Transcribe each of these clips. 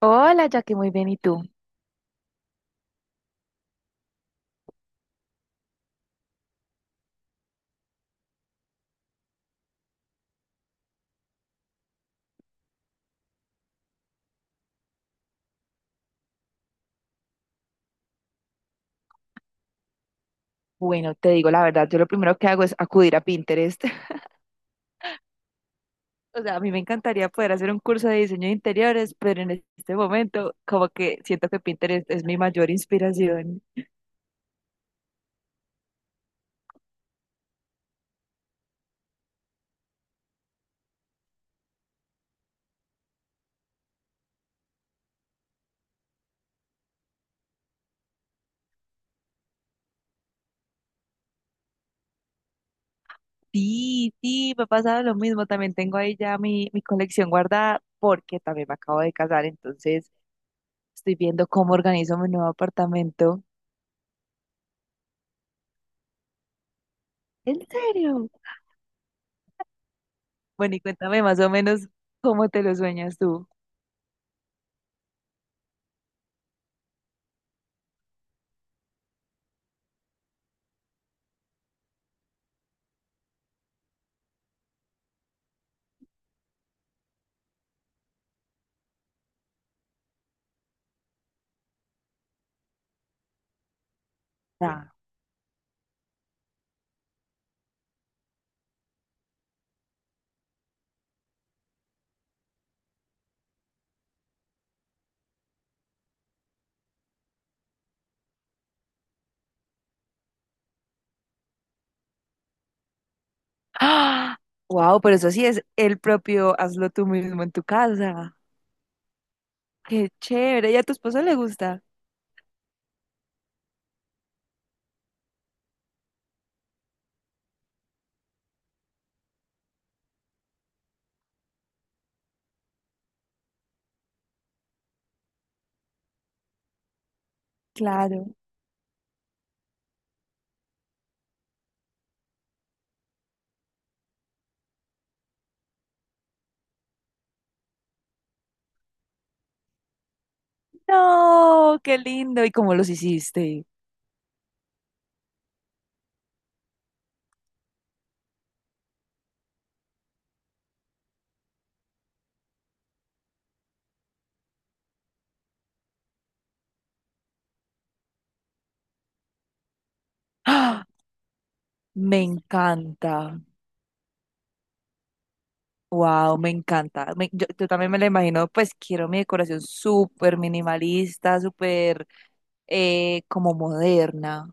Hola, Jackie, muy bien, ¿y tú? Bueno, te digo la verdad, yo lo primero que hago es acudir a Pinterest. O sea, a mí me encantaría poder hacer un curso de diseño de interiores, pero en este momento como que siento que Pinterest es mi mayor inspiración. Sí, sí, me ha pasado lo mismo. También tengo ahí ya mi colección guardada porque también me acabo de casar, entonces estoy viendo cómo organizo mi nuevo apartamento. ¿En serio? Bueno, y cuéntame más o menos cómo te lo sueñas tú. Ah. ¡Ah! Wow, pero eso sí es el propio hazlo tú mismo en tu casa. Qué chévere. ¿Y a tu esposo le gusta? Claro. No, qué lindo. ¿Y cómo los hiciste? ¡Ah! Me encanta. Wow, me encanta. Yo también me lo imagino, pues quiero mi decoración súper minimalista, súper como moderna.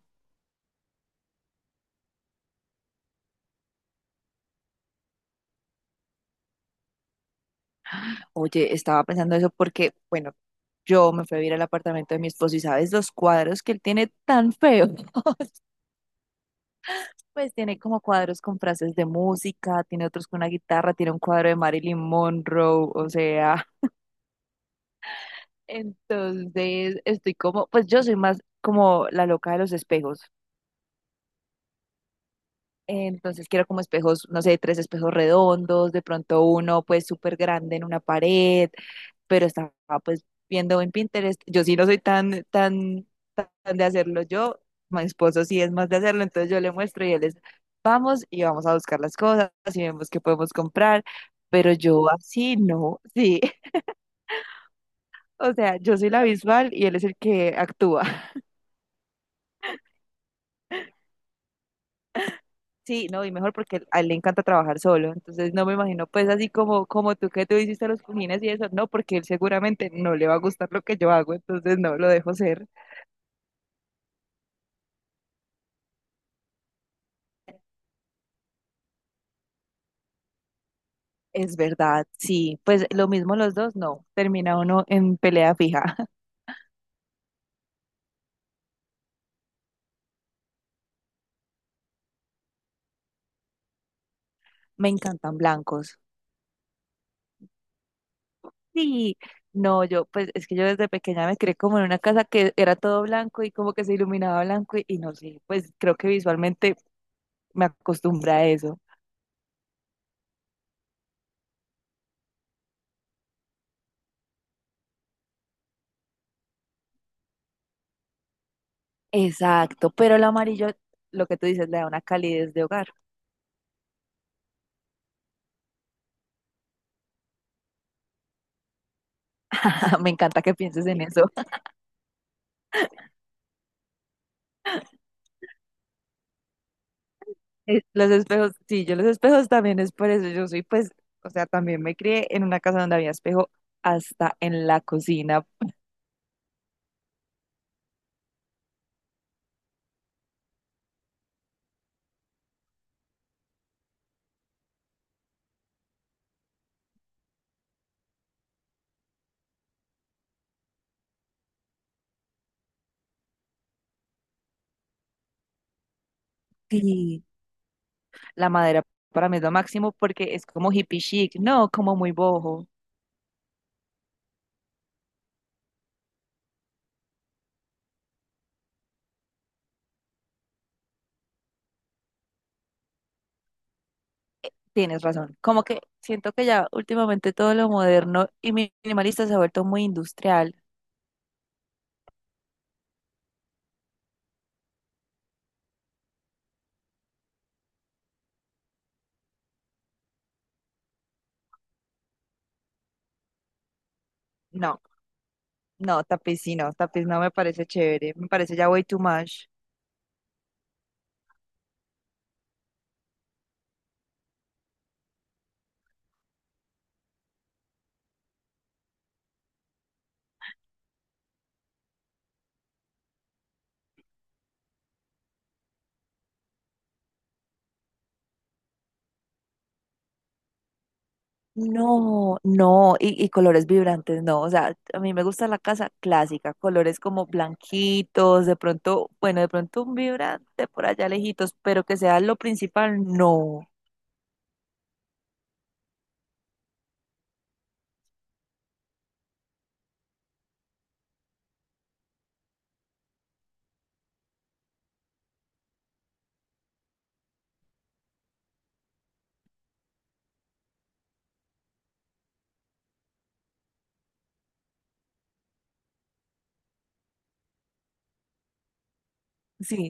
Oye, estaba pensando eso porque, bueno, yo me fui a vivir al apartamento de mi esposo y sabes los cuadros que él tiene tan feos. Pues tiene como cuadros con frases de música, tiene otros con una guitarra, tiene un cuadro de Marilyn Monroe, o sea, entonces estoy como, pues yo soy más como la loca de los espejos. Entonces quiero como espejos, no sé, tres espejos redondos, de pronto uno pues súper grande en una pared, pero estaba pues viendo en Pinterest. Yo sí no soy tan de hacerlo yo, mi esposo sí es más de hacerlo, entonces yo le muestro y él es, vamos y vamos a buscar las cosas y vemos qué podemos comprar, pero yo así no, sí. O sea, yo soy la visual y él es el que actúa. Sí, no, y mejor porque a él le encanta trabajar solo. Entonces no me imagino pues así como, como tú que tú hiciste los cojines y eso, no, porque él seguramente no le va a gustar lo que yo hago, entonces no, lo dejo ser. Es verdad, sí. Pues lo mismo los dos, no. Termina uno en pelea fija. Me encantan blancos. Sí. No, yo, pues es que yo desde pequeña me creé como en una casa que era todo blanco y como que se iluminaba blanco y no sé, pues creo que visualmente me acostumbré a eso. Exacto, pero el amarillo, lo que tú dices, le da una calidez de hogar. Me encanta que pienses en eso. Los espejos, sí, yo los espejos también es por eso. Yo soy, pues, o sea, también me crié en una casa donde había espejo hasta en la cocina. Sí, la madera para mí es lo máximo porque es como hippie chic, no como muy bojo. Tienes razón. Como que siento que ya últimamente todo lo moderno y minimalista se ha vuelto muy industrial. No, no, tapiz sí, no, tapiz no me parece chévere, me parece ya way too much. No, no, y colores vibrantes, no. O sea, a mí me gusta la casa clásica, colores como blanquitos, de pronto, bueno, de pronto un vibrante por allá lejitos, pero que sea lo principal, no. Sí.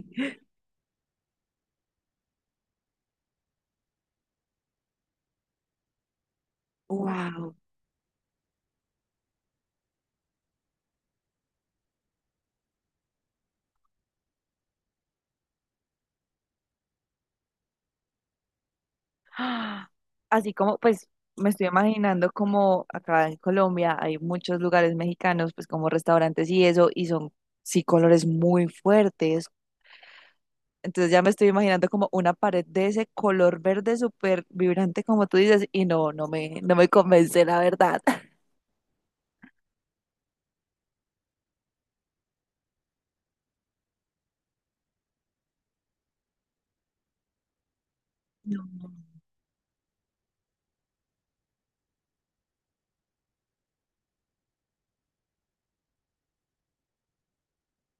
Wow. ¡Ah! Así como, pues, me estoy imaginando como acá en Colombia hay muchos lugares mexicanos, pues como restaurantes y eso, y son, sí, colores muy fuertes. Entonces ya me estoy imaginando como una pared de ese color verde súper vibrante, como tú dices, y no, no me convence, la verdad. No,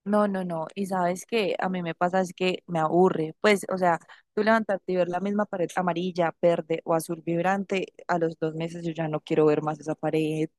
no, no, no. Y sabes que a mí me pasa es que me aburre. Pues, o sea, tú levantarte y ver la misma pared amarilla, verde o azul vibrante, a los dos meses yo ya no quiero ver más esa pared.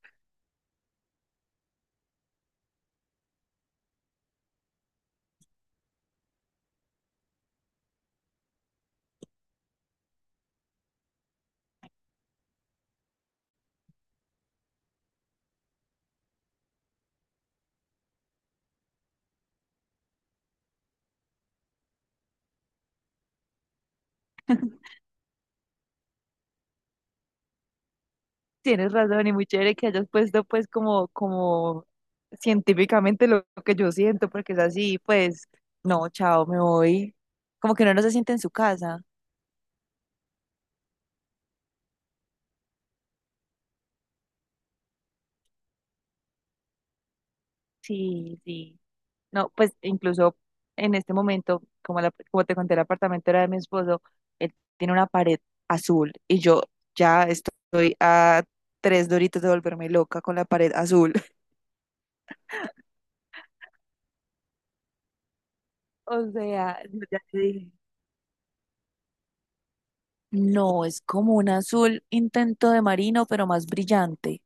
Tienes razón y muy chévere que hayas puesto pues como, como científicamente lo que yo siento, porque es así, pues, no, chao, me voy. Como que uno no se siente en su casa. Sí, sí. No, pues incluso en este momento, como, como te conté, el apartamento era de mi esposo, él tiene una pared azul y yo ya estoy a tres doritos de volverme loca con la pared azul. O sea, yo ya te dije. No, es como un azul intento de marino, pero más brillante.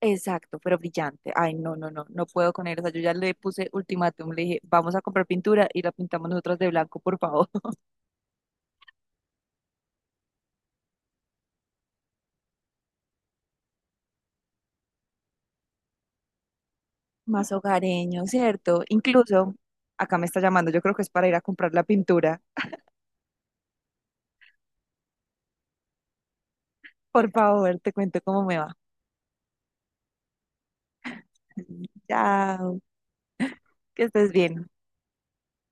Exacto, pero brillante. Ay, no, no, no, no puedo con él. O sea, yo ya le puse ultimátum, le dije, vamos a comprar pintura y la pintamos nosotras de blanco, por favor. Más hogareño, ¿cierto? Incluso, acá me está llamando, yo creo que es para ir a comprar la pintura. Por favor, te cuento cómo me va. Chao, que estés bien.